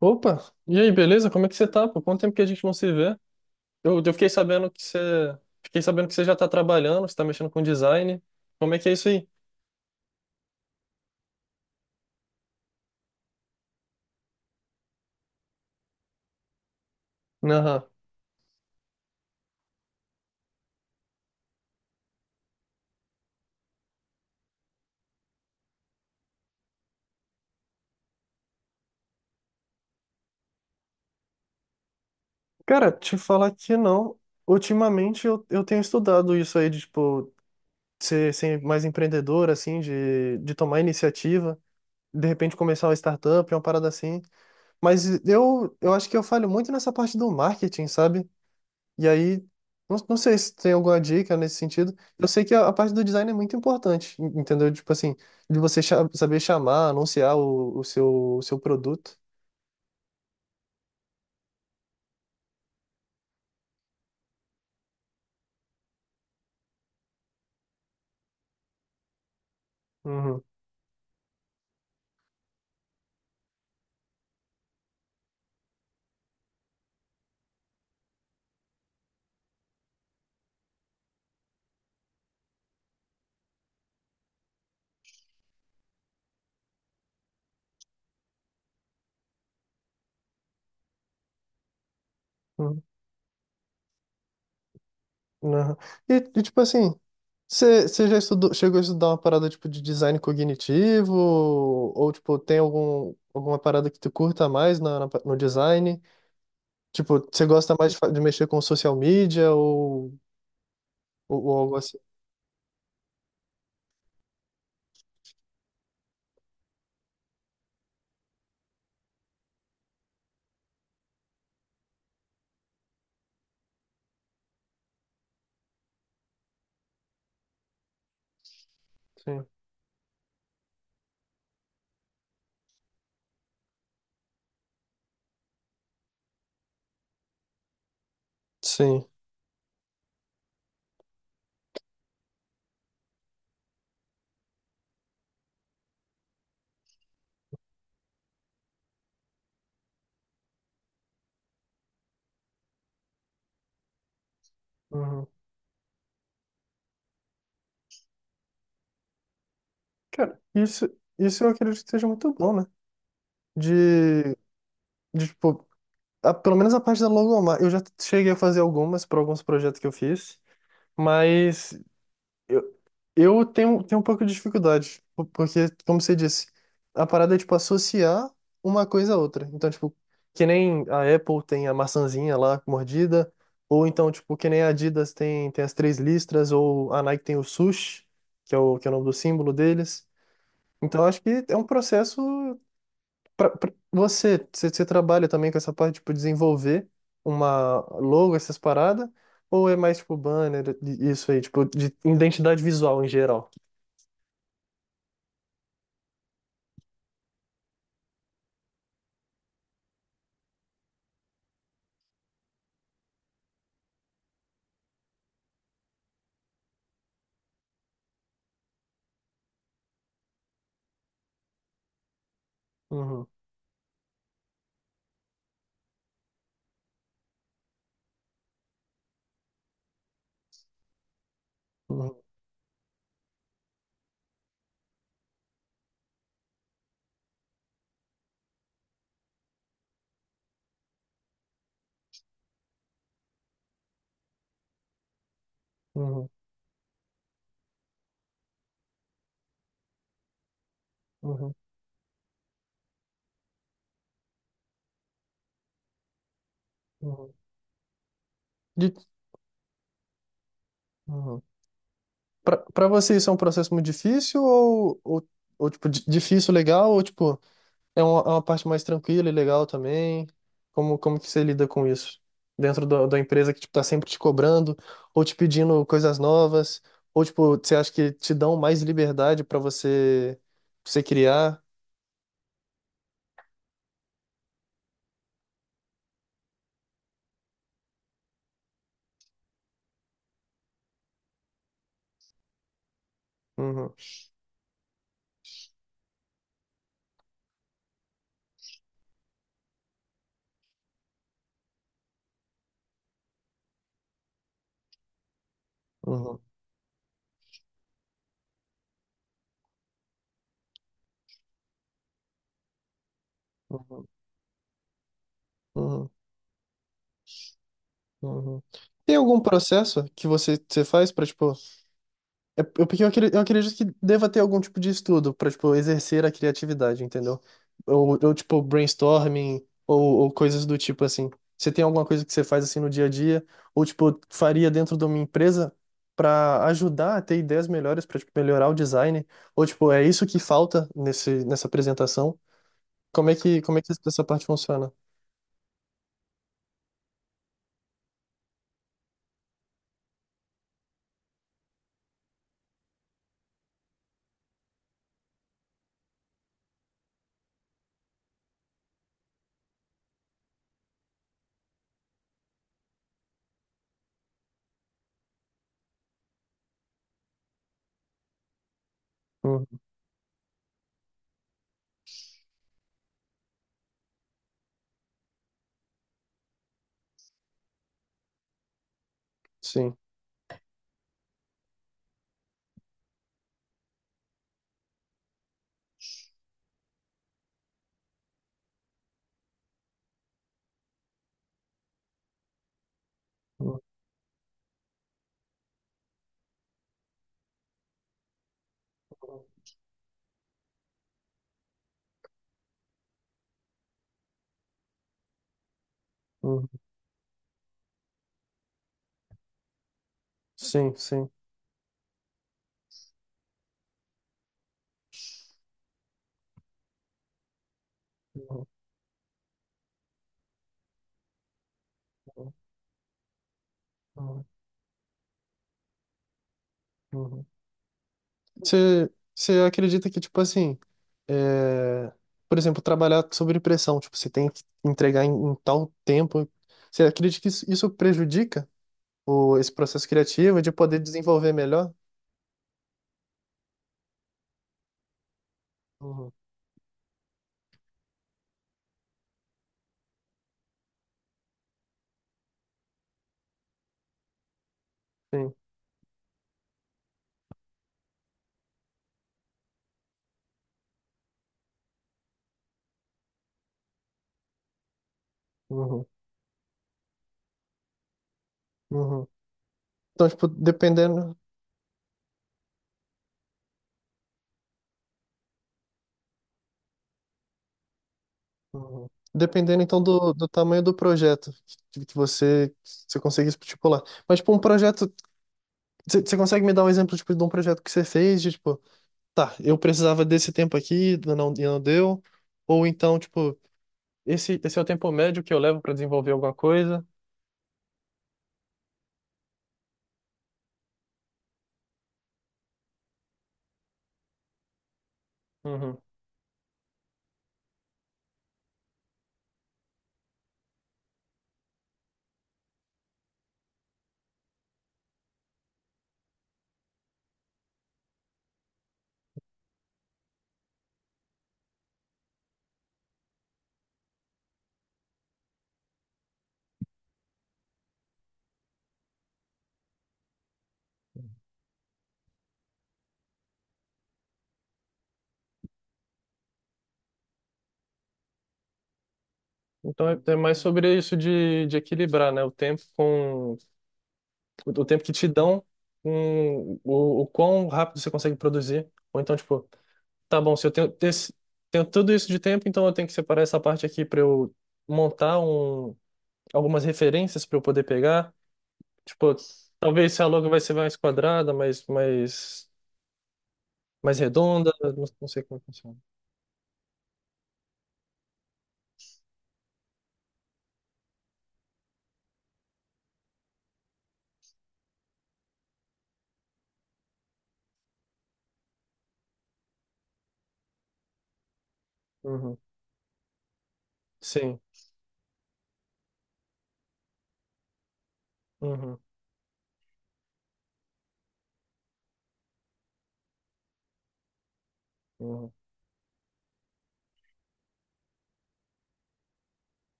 Opa, e aí, beleza? Como é que você tá? Por quanto tempo que a gente não se vê? Eu fiquei sabendo que você, fiquei sabendo que você já tá trabalhando, você tá mexendo com design. Como é que é isso aí? Aham. Cara, te falar que não. Ultimamente eu tenho estudado isso aí de, tipo, ser mais empreendedor, assim, de tomar iniciativa, de repente começar uma startup, uma parada assim. Mas eu acho que eu falho muito nessa parte do marketing, sabe? E aí, não sei se tem alguma dica nesse sentido. Eu sei que a parte do design é muito importante, entendeu? Tipo assim, de você saber chamar, anunciar o seu, o seu produto. Uhum, uhum, uhum. Tipo assim, você já estudou, chegou a estudar uma parada tipo de design cognitivo? Ou tipo, tem algum, alguma parada que tu curta mais na, no design? Tipo, você gosta mais de, de mexer com social media ou algo assim? Sim. Sim. Uhum. Cara, isso eu acredito que seja muito bom, né? De, de tipo, pelo menos a parte da logomarca. Eu já cheguei a fazer algumas para alguns projetos que eu fiz, mas eu, eu tenho um pouco de dificuldade, porque, como você disse, a parada é, tipo, associar uma coisa a outra. Então, tipo, que nem a Apple tem a maçãzinha lá mordida, ou então, tipo, que nem a Adidas tem, tem as três listras, ou a Nike tem o swoosh, que é o nome do símbolo deles. Então, acho que é um processo. Você, você trabalha também com essa parte, tipo, desenvolver uma logo, essas paradas? Ou é mais, tipo, banner, isso aí, tipo, de identidade visual em geral? Uhum, uhum, uhum, uhum, uhum. De, uhum. Pra você isso é um processo muito difícil ou tipo, difícil, legal, ou, tipo... é uma parte mais tranquila e legal também. Como que você lida com isso? Dentro da empresa que, tipo, tá sempre te cobrando, ou te pedindo coisas novas, ou, tipo, você acha que te dão mais liberdade para você, pra você criar? Uhum, uhum, uhum, uhum, uhum. Tem algum processo que você faz para, porque eu eu acredito que deva ter algum tipo de estudo pra, tipo, exercer a criatividade, entendeu? Ou tipo, brainstorming, ou coisas do tipo assim. Você tem alguma coisa que você faz assim no dia a dia, ou tipo, faria dentro de uma empresa pra ajudar a ter ideias melhores, pra tipo, melhorar o design, ou tipo, é isso que falta nesse, nessa apresentação? Como é que essa parte funciona? Uhum, sim. Uhum, uhum, sim, sim. Uhum, uhum, uhum. Você acredita que, tipo assim, é, por exemplo, trabalhar sobre pressão, tipo, você tem que entregar em, em tal tempo. Você acredita que isso prejudica o, esse processo criativo de poder desenvolver melhor? Uhum, sim. Uhum, uhum. Então, tipo, dependendo, uhum. Dependendo, então, do, do tamanho do projeto que você, você consegue estipular. Mas, tipo, um projeto, você consegue me dar um exemplo, tipo, de um projeto que você fez, de, tipo, tá, eu precisava desse tempo aqui, não, e não deu. Ou então, tipo, esse é o tempo médio que eu levo para desenvolver alguma coisa. Uhum. Então é, é mais sobre isso de equilibrar, né? O tempo com o tempo que te dão com o quão rápido você consegue produzir. Ou então, tipo, tá bom, se eu tenho, esse, tenho tudo isso de tempo, então eu tenho que separar essa parte aqui para eu montar um, algumas referências para eu poder pegar. Tipo, talvez se a logo vai ser mais quadrada, mais, mais mais redonda, não sei como funciona. Uhum. Sim. Uhum. Uhum.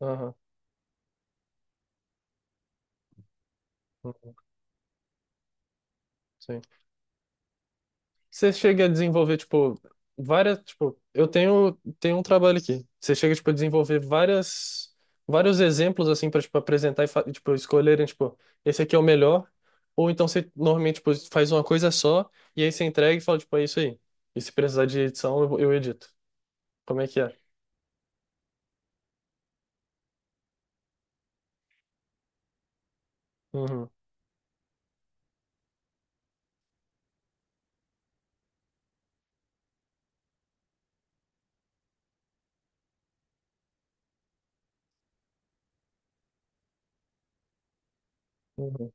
Aham. Uhum. Sim. Você chega a desenvolver, tipo, várias, tipo, eu tenho, tenho um trabalho aqui. Você chega, tipo, a desenvolver várias, vários exemplos, assim, para, tipo, apresentar e, e, tipo, escolherem, tipo, esse aqui é o melhor. Ou então você, normalmente, tipo, faz uma coisa só e aí você entrega e fala, tipo, é isso aí. E se precisar de edição, eu edito. Como é que é? Uhum. Uhum.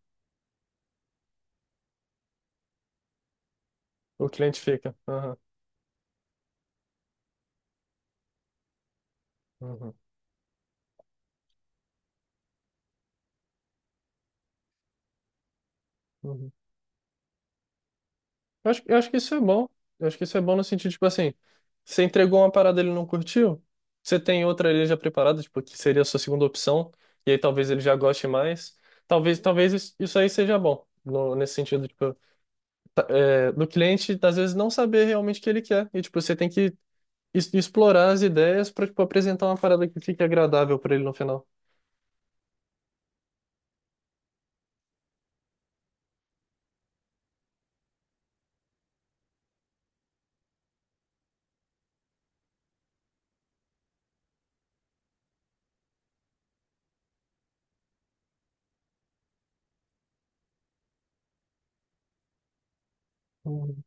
O cliente fica. Aham. Uhum. Uhum. Eu acho que isso é bom. Eu acho que isso é bom no sentido, tipo assim, você entregou uma parada e ele não curtiu, você tem outra ali já preparada, tipo, que seria a sua segunda opção, e aí talvez ele já goste mais. Talvez, talvez isso isso aí seja bom, nesse sentido, tipo, é, do cliente, às vezes, não saber realmente o que ele quer. E, tipo, você tem que explorar as ideias pra, tipo, apresentar uma parada que fique agradável pra ele no final. Uhum,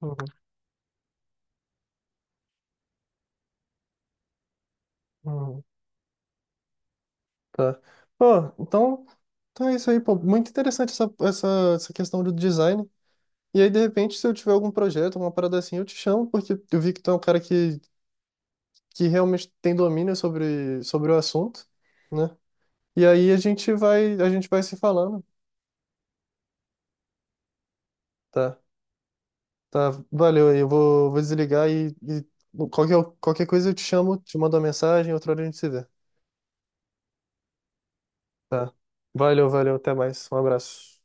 uhum, uhum. Tá. Pô, então, então é isso aí, pô. Muito interessante essa, essa, essa questão do design. E aí, de repente, se eu tiver algum projeto, uma parada assim, eu te chamo, porque eu vi que tu é um cara que realmente tem domínio sobre, sobre o assunto, né? E aí a gente vai se falando. Tá, tá, valeu aí. Eu vou desligar e qualquer, qualquer coisa eu te chamo, te mando uma mensagem, outra hora a gente se vê. Tá. Valeu, valeu, até mais. Um abraço.